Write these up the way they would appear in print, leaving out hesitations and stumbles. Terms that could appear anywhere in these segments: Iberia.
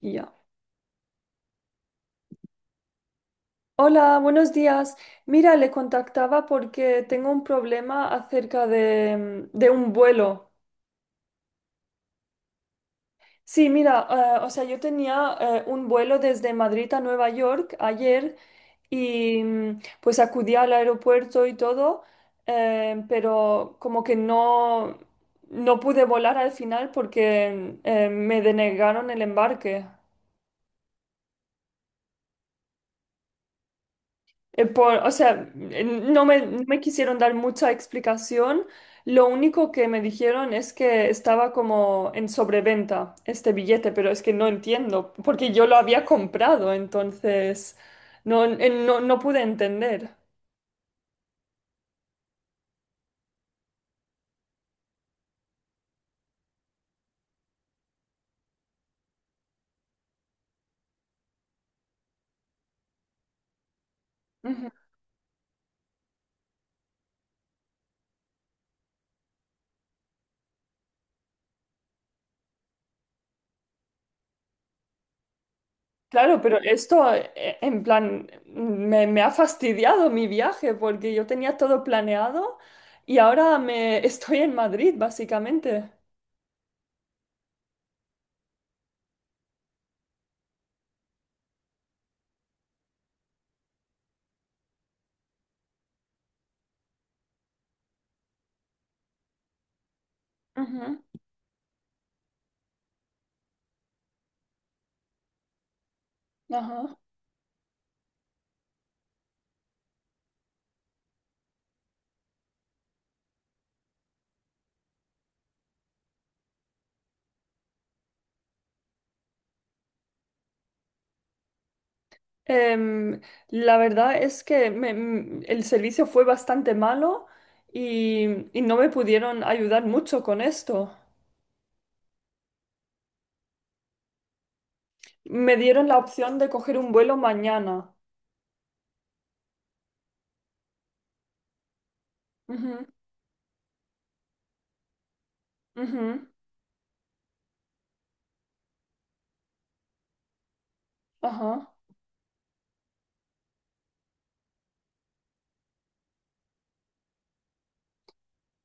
Ya. Hola, buenos días. Mira, le contactaba porque tengo un problema acerca de un vuelo. Sí, mira, o sea, yo tenía un vuelo desde Madrid a Nueva York ayer y pues acudí al aeropuerto y todo, pero como que no, no pude volar al final porque me denegaron el embarque. O sea, no me quisieron dar mucha explicación. Lo único que me dijeron es que estaba como en sobreventa este billete, pero es que no entiendo, porque yo lo había comprado, entonces no pude entender. Ujú. Claro, pero esto en plan me ha fastidiado mi viaje porque yo tenía todo planeado y ahora me estoy en Madrid, básicamente. Ujú. Ajá. Em, la verdad es que el servicio fue bastante malo y, y no me pudieron ayudar mucho con esto. Me dieron la opción de coger un vuelo mañana. Ujú, ujú, ajá,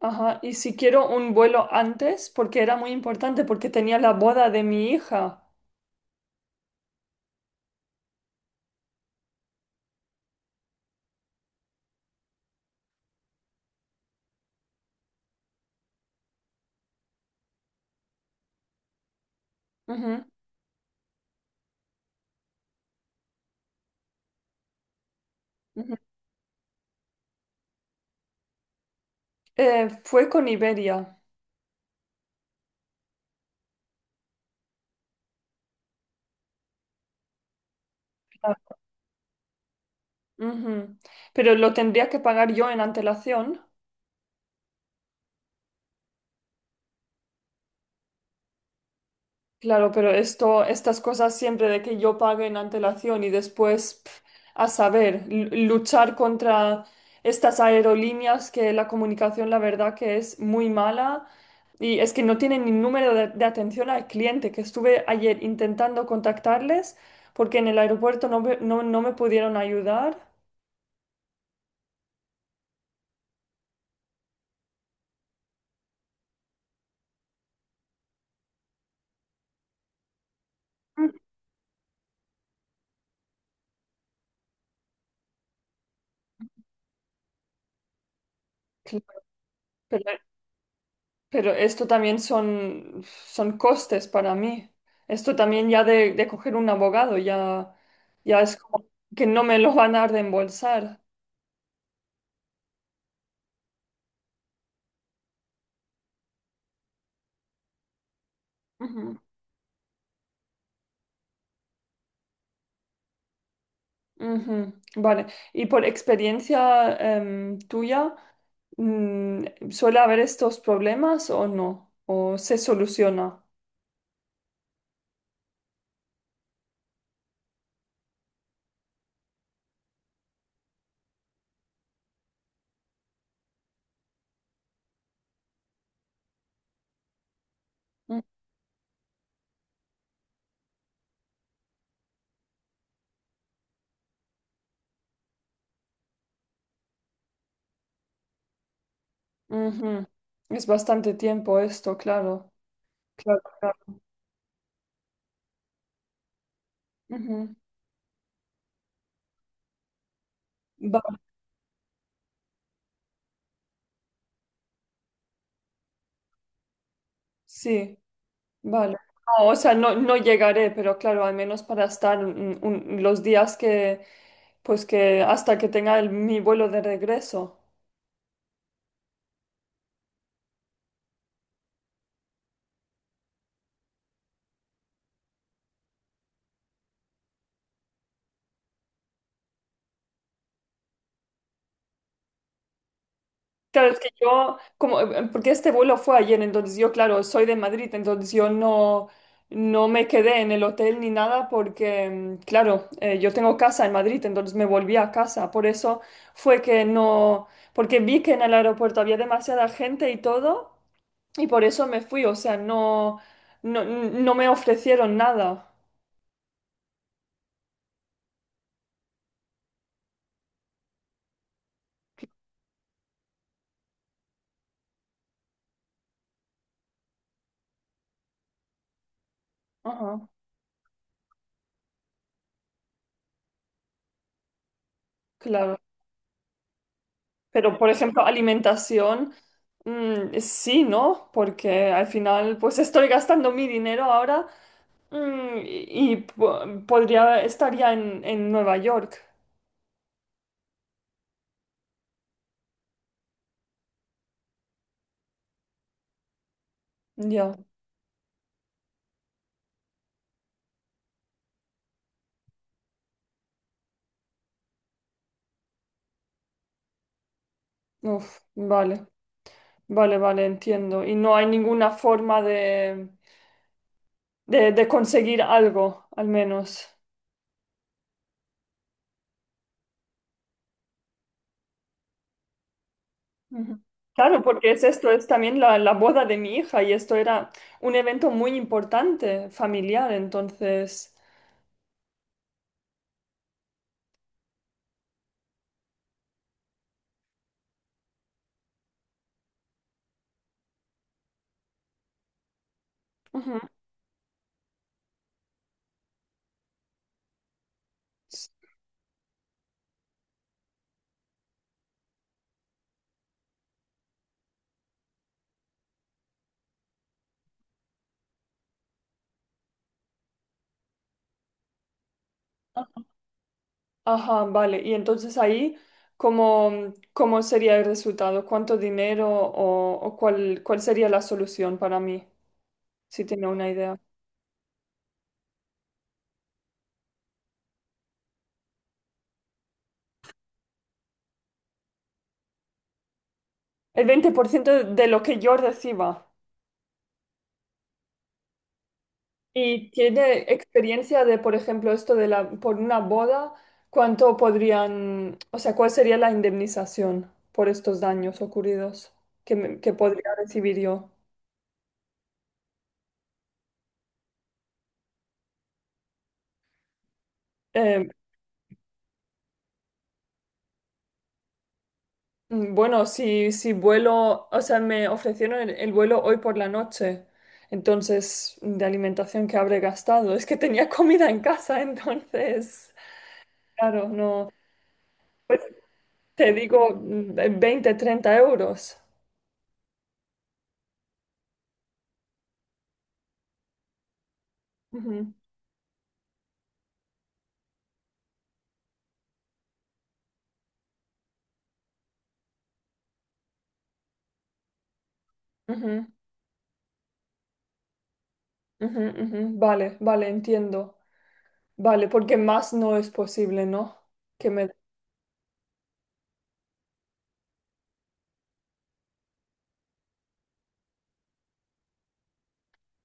ajá. Y si quiero un vuelo antes, porque era muy importante, porque tenía la boda de mi hija. Ujú, ujú. Fue con Iberia. Ah, ujú. Pero lo tendría que pagar yo en antelación. Claro, pero esto, estas cosas siempre de que yo pague en antelación y después, a saber, luchar contra estas aerolíneas que la comunicación, la verdad que es muy mala y es que no tienen ni número de atención al cliente, que estuve ayer intentando contactarles porque en el aeropuerto no me pudieron ayudar. Mm. Claro, pero esto también son costes para mí. Esto también ya de coger un abogado, ya, ya es como que no me lo van a reembolsar. Ujú, ujú. Vale. Y por experiencia tuya, ¿suele haber estos problemas o no? ¿O se soluciona? Mm, ujú. Es bastante tiempo esto, claro. Claro, claro. Ujú. Vale, sí. Vale. No, o sea, no llegaré, pero claro, al menos para estar los días que, pues que hasta que tenga mi vuelo de regreso. Claro, es que yo, como, porque este vuelo fue ayer, entonces yo, claro, soy de Madrid, entonces yo no me quedé en el hotel ni nada porque, claro, yo tengo casa en Madrid, entonces me volví a casa. Por eso fue que no, porque vi que en el aeropuerto había demasiada gente y todo. Y por eso me fui, o sea, no me ofrecieron nada. Ajá, claro. Pero, por ejemplo, alimentación, sí, ¿no? Porque al final, pues estoy gastando mi dinero ahora, y podría, estaría en Nueva York. Ya, uf, vale, vale, vale, entiendo. Y no hay ninguna forma de conseguir algo, al menos. Ujú. Claro, porque es esto, es también la boda de mi hija y esto era un evento muy importante, familiar, entonces. Ujú. S- Ajá, ajá, vale. Y entonces ahí, ¿cómo sería el resultado? ¿Cuánto dinero o cuál sería la solución para mí? Si tiene una idea. El 20% de lo que yo reciba. ¿Y tiene experiencia de, por ejemplo, esto de la, por una boda, cuánto podrían, o sea, cuál sería la indemnización por estos daños ocurridos que podría recibir yo? Eh, bueno, si vuelo, o sea, me ofrecieron el vuelo hoy por la noche, entonces, de alimentación que habré gastado, es que tenía comida en casa, entonces, claro, no, pues te digo, 20, 30 euros. Ujú, ujú. Ujú, ujú. Vale, vale, entiendo. Vale, porque más no es posible, ¿no? Que me.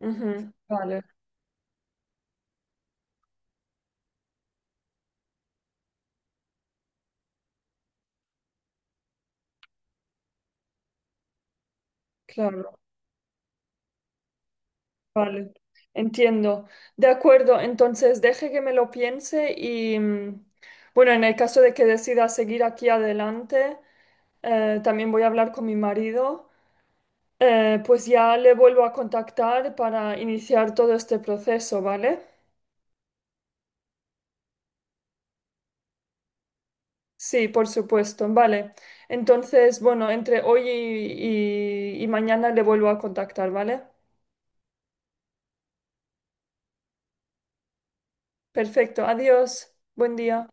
Ujú, vale, claro, vale. Entiendo. De acuerdo, entonces deje que me lo piense y, bueno, en el caso de que decida seguir aquí adelante, también voy a hablar con mi marido. Pues ya le vuelvo a contactar para iniciar todo este proceso, ¿vale? Sí, por supuesto. Vale. Entonces, bueno, entre hoy y mañana le vuelvo a contactar, ¿vale? Perfecto. Adiós. Buen día.